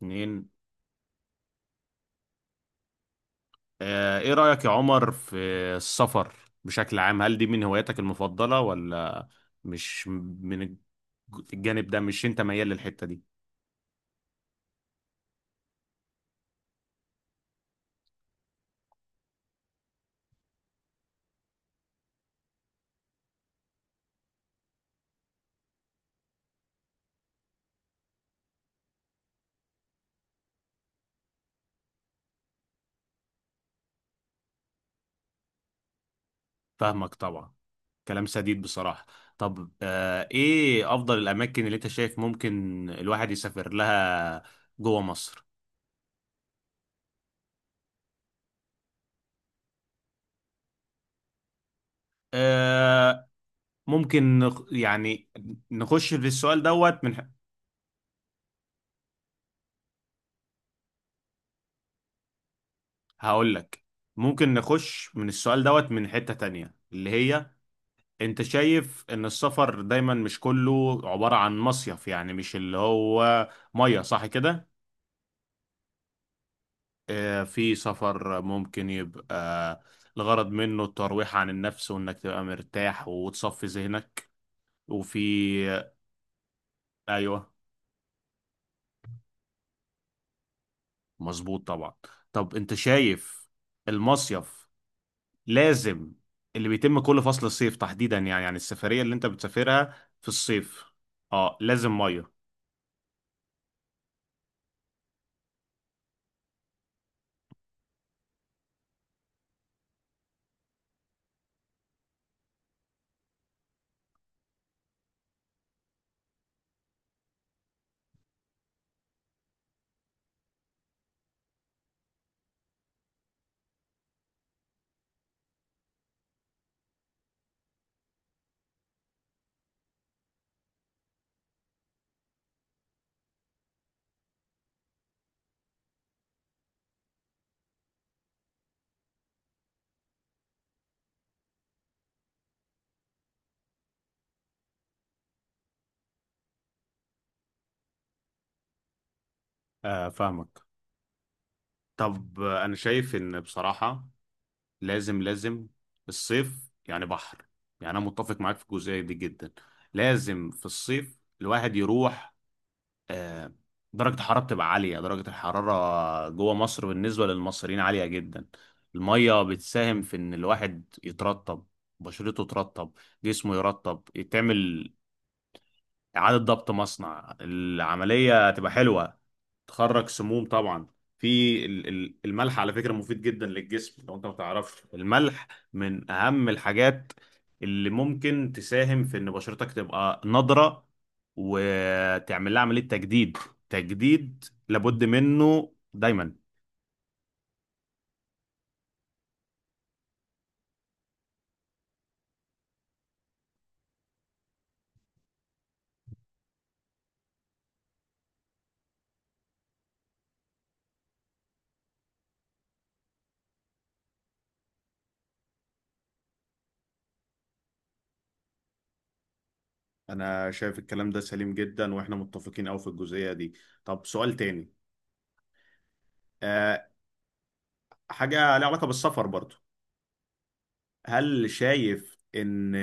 اتنين. ايه رأيك يا عمر في السفر بشكل عام؟ هل دي من هواياتك المفضلة ولا مش من الجانب ده؟ مش انت ميال للحتة دي؟ فاهمك طبعا. كلام سديد بصراحة. طب ايه افضل الاماكن اللي انت شايف ممكن الواحد يسافر لها جوه مصر؟ آه، ممكن يعني نخش في السؤال دوت هقول لك. ممكن نخش من السؤال دوت من حتة تانية، اللي هي انت شايف ان السفر دايما مش كله عبارة عن مصيف؟ يعني مش اللي هو مية، صح كده؟ في سفر ممكن يبقى الغرض منه الترويح عن النفس وانك تبقى مرتاح وتصفي ذهنك. وفي ايوه، مظبوط طبعا. طب انت شايف المصيف لازم، اللي بيتم كل فصل الصيف تحديدا، يعني السفرية اللي انت بتسافرها في الصيف اه لازم مية. آه، فاهمك. طب انا شايف ان بصراحة لازم لازم الصيف يعني بحر. يعني انا متفق معاك في الجزئيه دي جدا. لازم في الصيف الواحد يروح. آه، درجه الحراره بتبقى عاليه، درجه الحراره جوه مصر بالنسبه للمصريين عاليه جدا. الميه بتساهم في ان الواحد يترطب، بشرته ترطب، جسمه يرطب، يتعمل اعاده ضبط مصنع. العمليه تبقى حلوه. تخرج سموم طبعا. في الملح على فكرة مفيد جدا للجسم، لو انت ما تعرفش الملح من اهم الحاجات اللي ممكن تساهم في ان بشرتك تبقى نضرة وتعمل لها عملية تجديد. تجديد لابد منه دايما. انا شايف الكلام ده سليم جدا واحنا متفقين قوي في الجزئية دي. طب سؤال تاني. أه، حاجة لها علاقة بالسفر برضو. هل شايف ان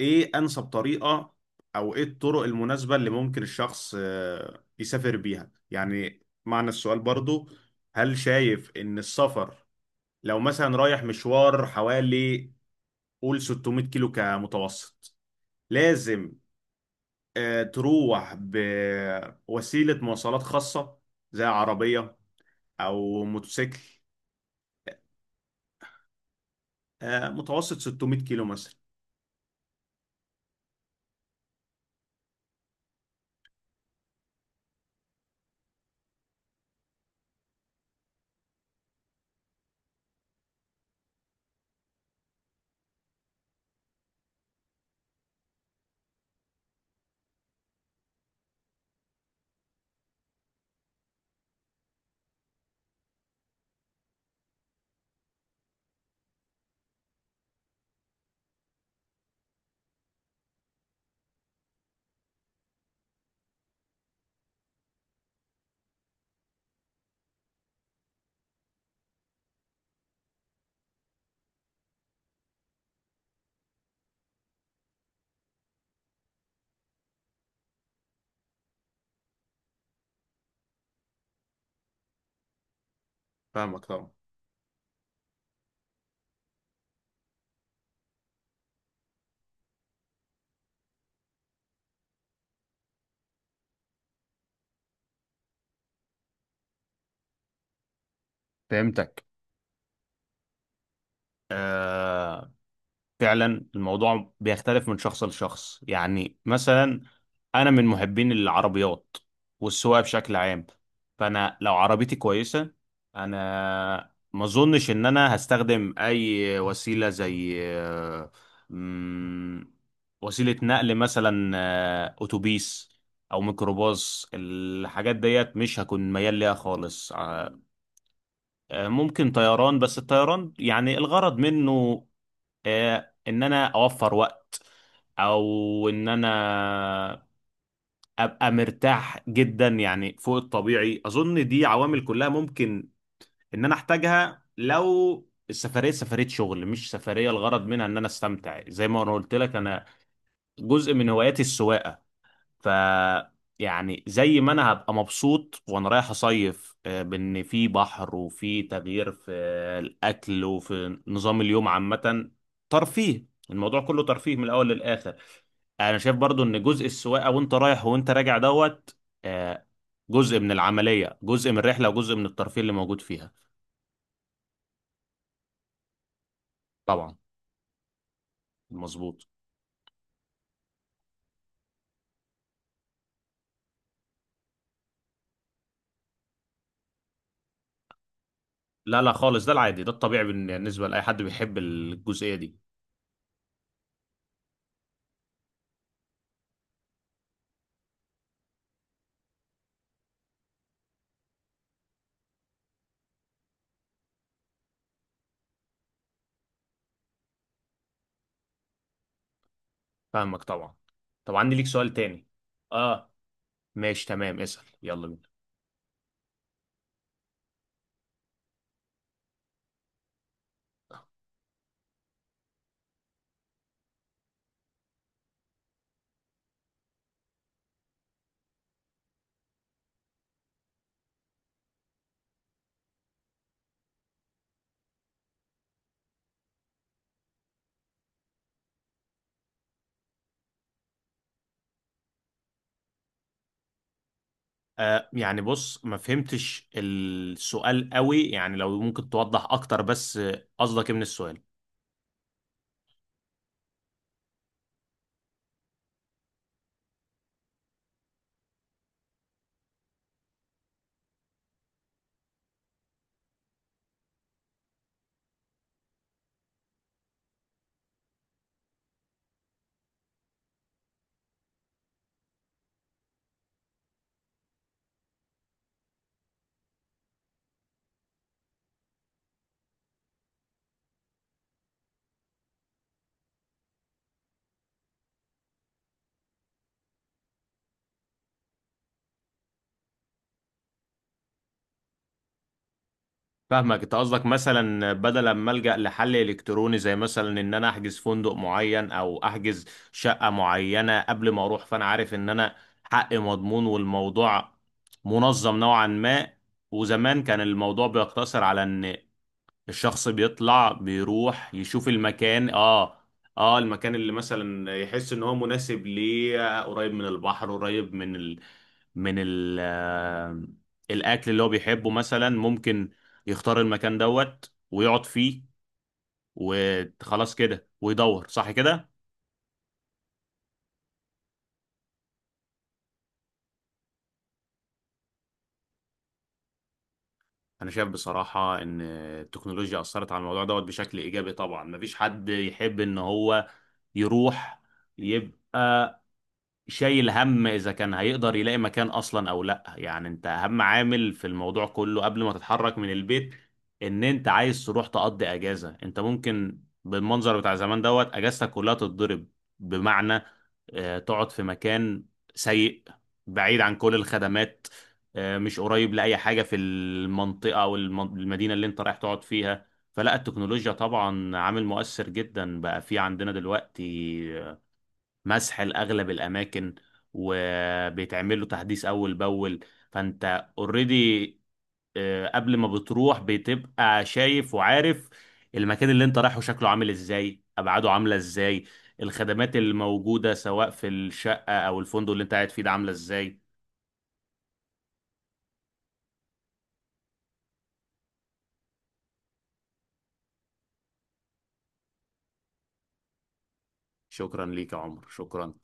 ايه انسب طريقة او ايه الطرق المناسبة اللي ممكن الشخص يسافر بيها؟ يعني معنى السؤال برضو، هل شايف ان السفر لو مثلا رايح مشوار حوالي قول 600 كيلو كمتوسط، لازم تروح بوسيلة مواصلات خاصة زي عربية او موتوسيكل؟ متوسط 600 كيلو مثلا. فاهمك طبعا. فهمتك. فعلا الموضوع بيختلف من شخص لشخص. يعني مثلا انا من محبين العربيات والسواقه بشكل عام. فانا لو عربيتي كويسه، انا ما اظنش ان انا هستخدم اي وسيله زي مم، وسيله نقل، مثلا اتوبيس او ميكروباص. الحاجات ديت مش هكون ميال ليها خالص. ممكن طيران. بس الطيران يعني الغرض منه ان انا اوفر وقت او ان انا ابقى مرتاح جدا، يعني فوق الطبيعي. اظن دي عوامل كلها ممكن ان انا احتاجها لو السفريه سفريه شغل، مش سفريه الغرض منها ان انا استمتع. زي ما انا قلت لك، انا جزء من هواياتي السواقه. ف يعني زي ما انا هبقى مبسوط وانا رايح اصيف بان في بحر وفي تغيير في الاكل وفي نظام اليوم عامه. ترفيه، الموضوع كله ترفيه من الاول للاخر. انا شايف برضو ان جزء السواقه وانت رايح وانت راجع دوت آه، جزء من العمليه، جزء من الرحله، وجزء من الترفيه اللي موجود فيها. طبعا، مظبوط. لا لا خالص، ده العادي، ده الطبيعي بالنسبه لاي حد بيحب الجزئيه دي. فاهمك طبعا. طب عندي ليك سؤال تاني. اه، ماشي تمام، اسأل يلا بينا. آه، يعني بص ما فهمتش السؤال قوي. يعني لو ممكن توضح اكتر بس. قصدك ايه من السؤال؟ فاهمك. انت قصدك مثلا بدل ما ألجأ لحل الكتروني، زي مثلا ان انا احجز فندق معين او احجز شقة معينة قبل ما اروح. فانا عارف ان انا حقي مضمون والموضوع منظم نوعا ما. وزمان كان الموضوع بيقتصر على ان الشخص بيطلع بيروح يشوف المكان. اه، اه المكان اللي مثلا يحس ان هو مناسب ليه، قريب من البحر، قريب من ال... من ال... آه، الاكل اللي هو بيحبه مثلا. ممكن يختار المكان دوت ويقعد فيه وخلاص كده ويدور، صح كده. انا شايف بصراحة ان التكنولوجيا اثرت على الموضوع دوت بشكل ايجابي طبعا. مفيش حد يحب ان هو يروح يبقى شايل هم اذا كان هيقدر يلاقي مكان اصلا او لا. يعني انت اهم عامل في الموضوع كله قبل ما تتحرك من البيت، ان انت عايز تروح تقضي اجازة. انت ممكن بالمنظر بتاع زمان دوت اجازتك كلها تتضرب. بمعنى تقعد في مكان سيء بعيد عن كل الخدمات، مش قريب لأي حاجة في المنطقة او المدينة اللي انت رايح تقعد فيها. فلا، التكنولوجيا طبعا عامل مؤثر جدا بقى في عندنا دلوقتي. مسح لأغلب الأماكن وبيتعمل له تحديث أول بأول. فأنت اوريدي قبل ما بتروح بتبقى شايف وعارف المكان اللي انت رايحه شكله عامل ازاي، أبعاده عاملة ازاي، الخدمات الموجودة سواء في الشقة أو الفندق اللي انت قاعد فيه ده عاملة ازاي. شكرا ليك يا عمر، شكرا.